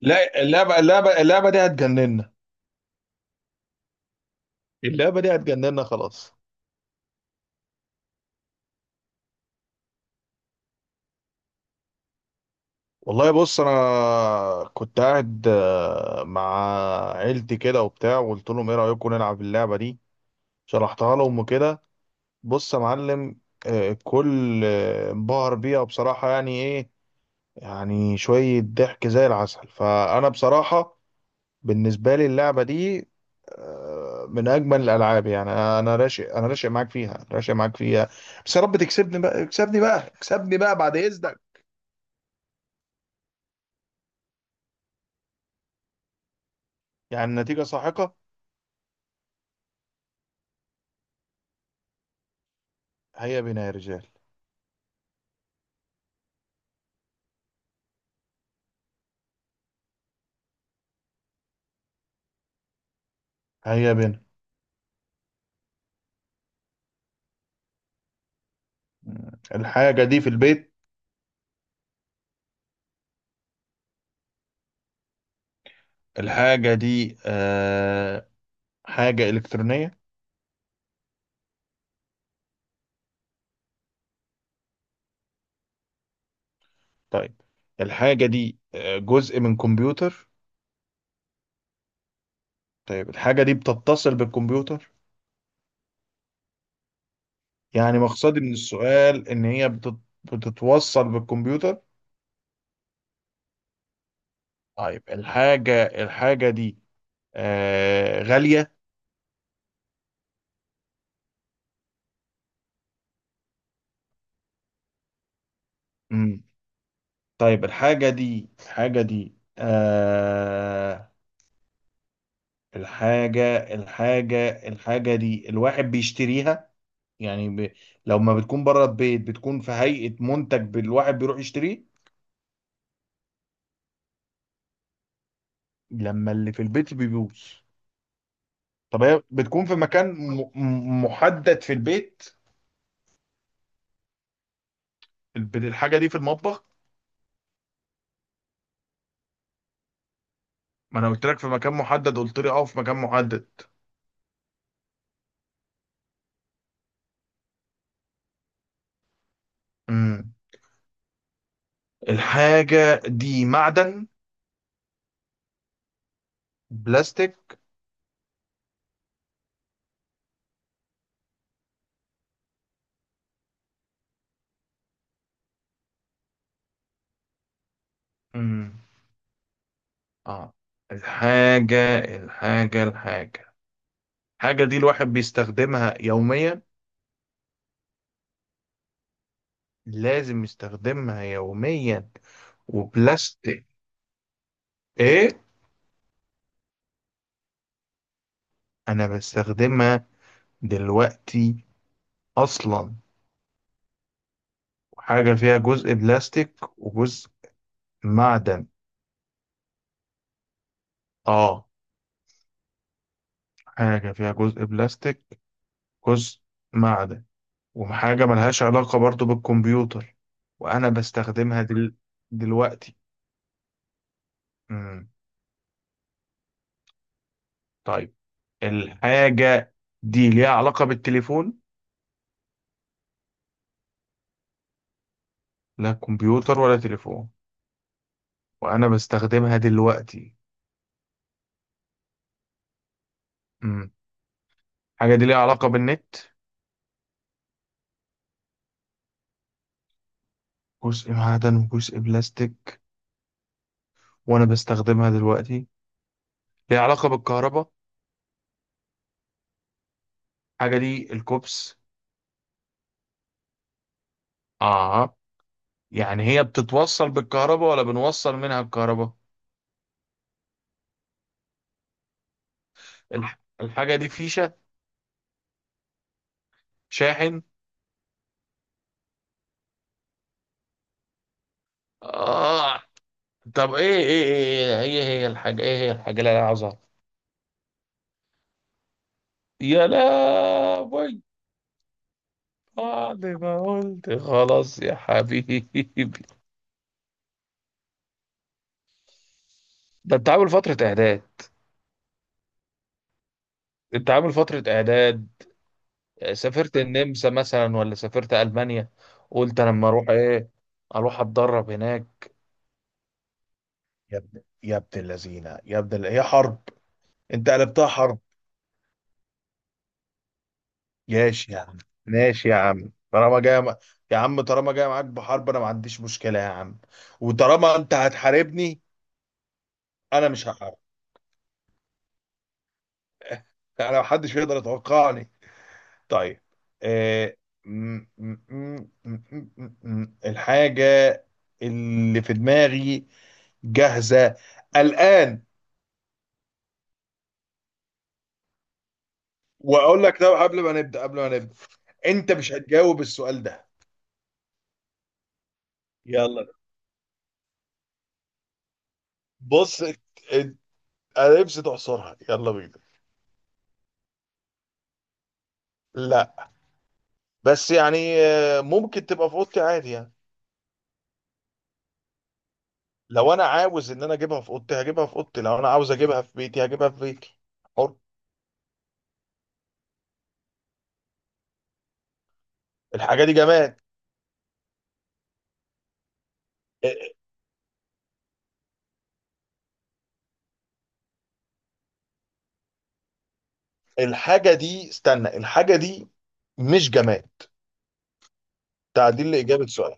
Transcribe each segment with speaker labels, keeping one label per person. Speaker 1: لا. اللعبة دي هتجننا. اللعبة دي هتجننا خلاص. والله بص، انا كنت قاعد مع عيلتي كده وبتاع، وقلت لهم ايه رأيكم نلعب اللعبة دي؟ شرحتها لهم وكده. بص يا معلم، كل انبهر بيها بصراحة، يعني ايه، يعني شوية ضحك زي العسل. فانا بصراحة بالنسبة لي اللعبة دي من أجمل الألعاب. يعني أنا راشق، أنا راشق معاك فيها، راشق معاك فيها. بس يا رب تكسبني بقى، اكسبني بقى، اكسبني بقى بعد إذنك. يعني النتيجة ساحقة. هيا بنا يا رجال. هيا بنا. الحاجة دي في البيت. الحاجة دي حاجة إلكترونية. طيب، الحاجة دي جزء من كمبيوتر؟ طيب، الحاجة دي بتتصل بالكمبيوتر؟ يعني مقصدي من السؤال إن هي بتتوصل بالكمبيوتر. طيب، الحاجة دي غالية؟ مم. طيب، الحاجة دي الحاجة دي الواحد بيشتريها، يعني ب... لو ما بتكون بره البيت بتكون في هيئة منتج، الواحد بيروح يشتريه لما اللي في البيت بيبوظ. طب هي بتكون في مكان محدد في البيت؟ الحاجة دي في المطبخ؟ ما انا قلت لك في مكان محدد، قلت لي اه في مكان محدد. مم. الحاجة دي معدن؟ بلاستيك؟ مم. اه. الحاجة الحاجة دي الواحد بيستخدمها يوميا؟ لازم يستخدمها يوميا. وبلاستيك؟ ايه. انا بستخدمها دلوقتي اصلا. حاجة فيها جزء بلاستيك وجزء معدن. اه. حاجة فيها جزء بلاستيك، جزء معدن، وحاجة ملهاش علاقة برضو بالكمبيوتر، وأنا دلوقتي. مم. طيب، الحاجة دي ليها علاقة بالتليفون؟ لا كمبيوتر ولا تليفون، وأنا بستخدمها دلوقتي. مم. الحاجة دي ليها علاقة بالنت؟ جزء معدن وجزء بلاستيك، وأنا بستخدمها دلوقتي. ليها علاقة بالكهرباء. الحاجة دي الكوبس؟ آه. يعني هي بتتوصل بالكهرباء ولا بنوصل منها الكهرباء؟ الحاجة دي فيشة؟ شاحن؟ آه. طب ايه ايه ايه ايه، هي هي الحاجة، ايه هي الحاجة اللي انا عاوز اعرفها؟ يا لهوي! بعد ما قلت خلاص يا حبيبي. ده انت عامل فترة اعداد. انت عامل فترة اعداد. سافرت النمسا مثلا، ولا سافرت المانيا؟ قلت أنا لما اروح ايه، اروح اتدرب هناك. يا ابن اللذينه، هي حرب. انت قلبتها حرب. ماشي يا عم، ماشي يا عم. يا عم طالما جاي معاك بحرب انا ما عنديش مشكله يا عم. وطالما انت هتحاربني، انا مش هحارب. انا ما حدش يقدر يتوقعني. طيب. آه... م... م... م... م... م... الحاجه اللي في دماغي جاهزه الان. واقول لك ده قبل ما نبدا، قبل ما نبدا، انت مش هتجاوب السؤال ده. يلا. بص انت- انا نفسي تعصرها، يلا بينا. لا، بس يعني ممكن تبقى في اوضتي عادي يعني. لو انا عاوز ان انا اجيبها في اوضتي هجيبها في اوضتي، لو انا عاوز اجيبها في بيتي هجيبها في بيتي. حر. الحاجه دي جماد. آه، الحاجه دي، استنى، الحاجه دي مش جماد. تعديل لاجابه سؤال.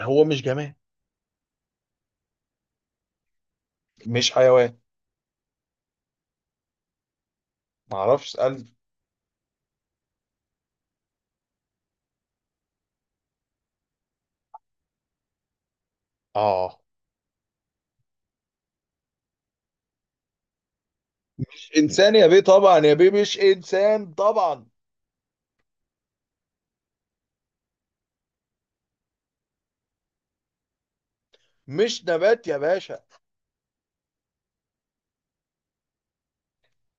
Speaker 1: هو مش جماد. مش حيوان. معرفش اسال. اه. مش انسان يا بيه طبعا، يا بيه مش انسان طبعا. مش نبات يا باشا.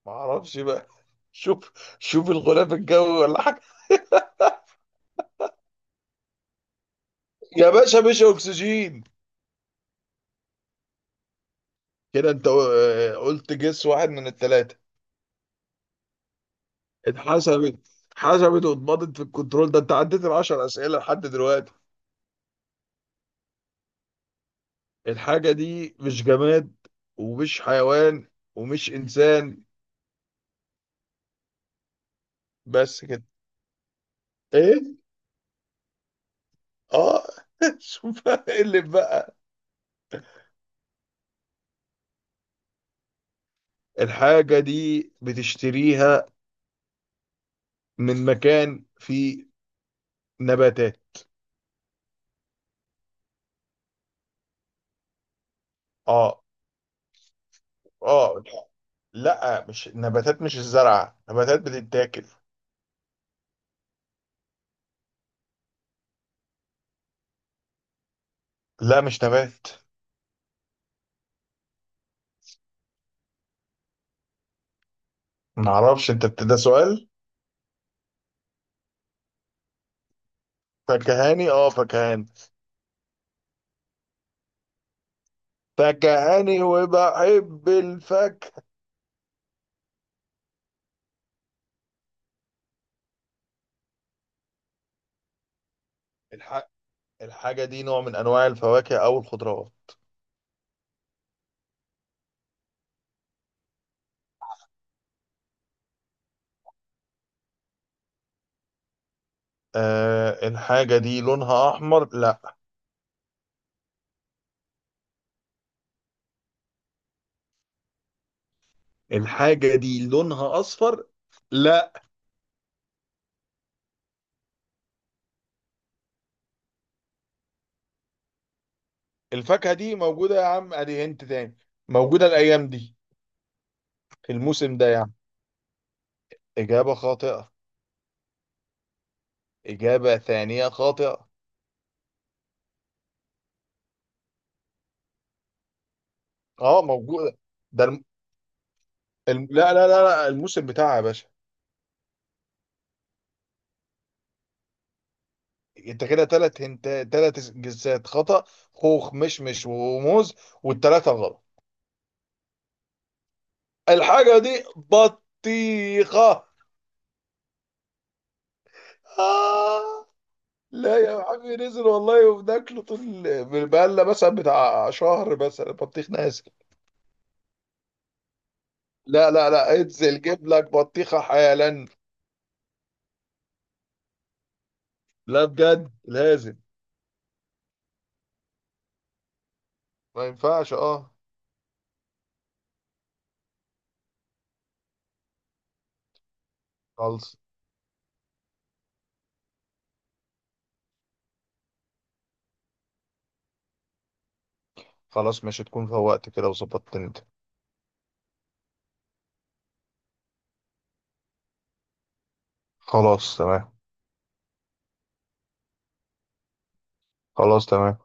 Speaker 1: معرفش بقى. شوف، شوف الغلاف الجوي ولا حاجه. يا باشا مش اكسجين. كده انت قلت جس واحد من الثلاثه. اتحسبت. اتحسبت واتبضت في الكنترول، ده انت عديت العشر اسئله لحد دلوقتي. الحاجه دي مش جماد، ومش حيوان، ومش انسان. بس كده. ايه. اه. شوف ايه اللي بقى. الحاجه دي بتشتريها من مكان فيه نباتات. اه. اه. لا مش نباتات، مش الزرع، نباتات بتتاكل. لا مش نبات. معرفش. ده سؤال؟ فكهاني، اه فكهاني. فكهاني وبحب الفاكهة. الح... الحاجة دي نوع من أنواع الفواكه أو الخضروات. آه الحاجة دي لونها أحمر؟ لا. الحاجة دي لونها أصفر؟ لا. الفاكهة دي موجودة يا عم، أدي أنت تاني، موجودة الأيام دي، في الموسم ده يعني. إجابة خاطئة. إجابة ثانية خاطئة. اه موجودة. ده الم... لا لا لا لا، الموسم بتاعها يا باشا. انت كده تلات هنت، تلات جنسات خطأ: خوخ، مشمش، وموز، والتلاتة غلط. الحاجة دي بطيخة. آه. لا يا عمي، نزل والله وبناكله طول، بقالنا مثلا بتاع شهر مثلا بطيخ نازل. لا لا لا، انزل جيب لك بطيخة حالا. لا بجد لازم. ما ينفعش. اه. خلص. خلاص ماشي، تكون فوقت كده وظبطت انت. خلاص تمام. خلاص تمام.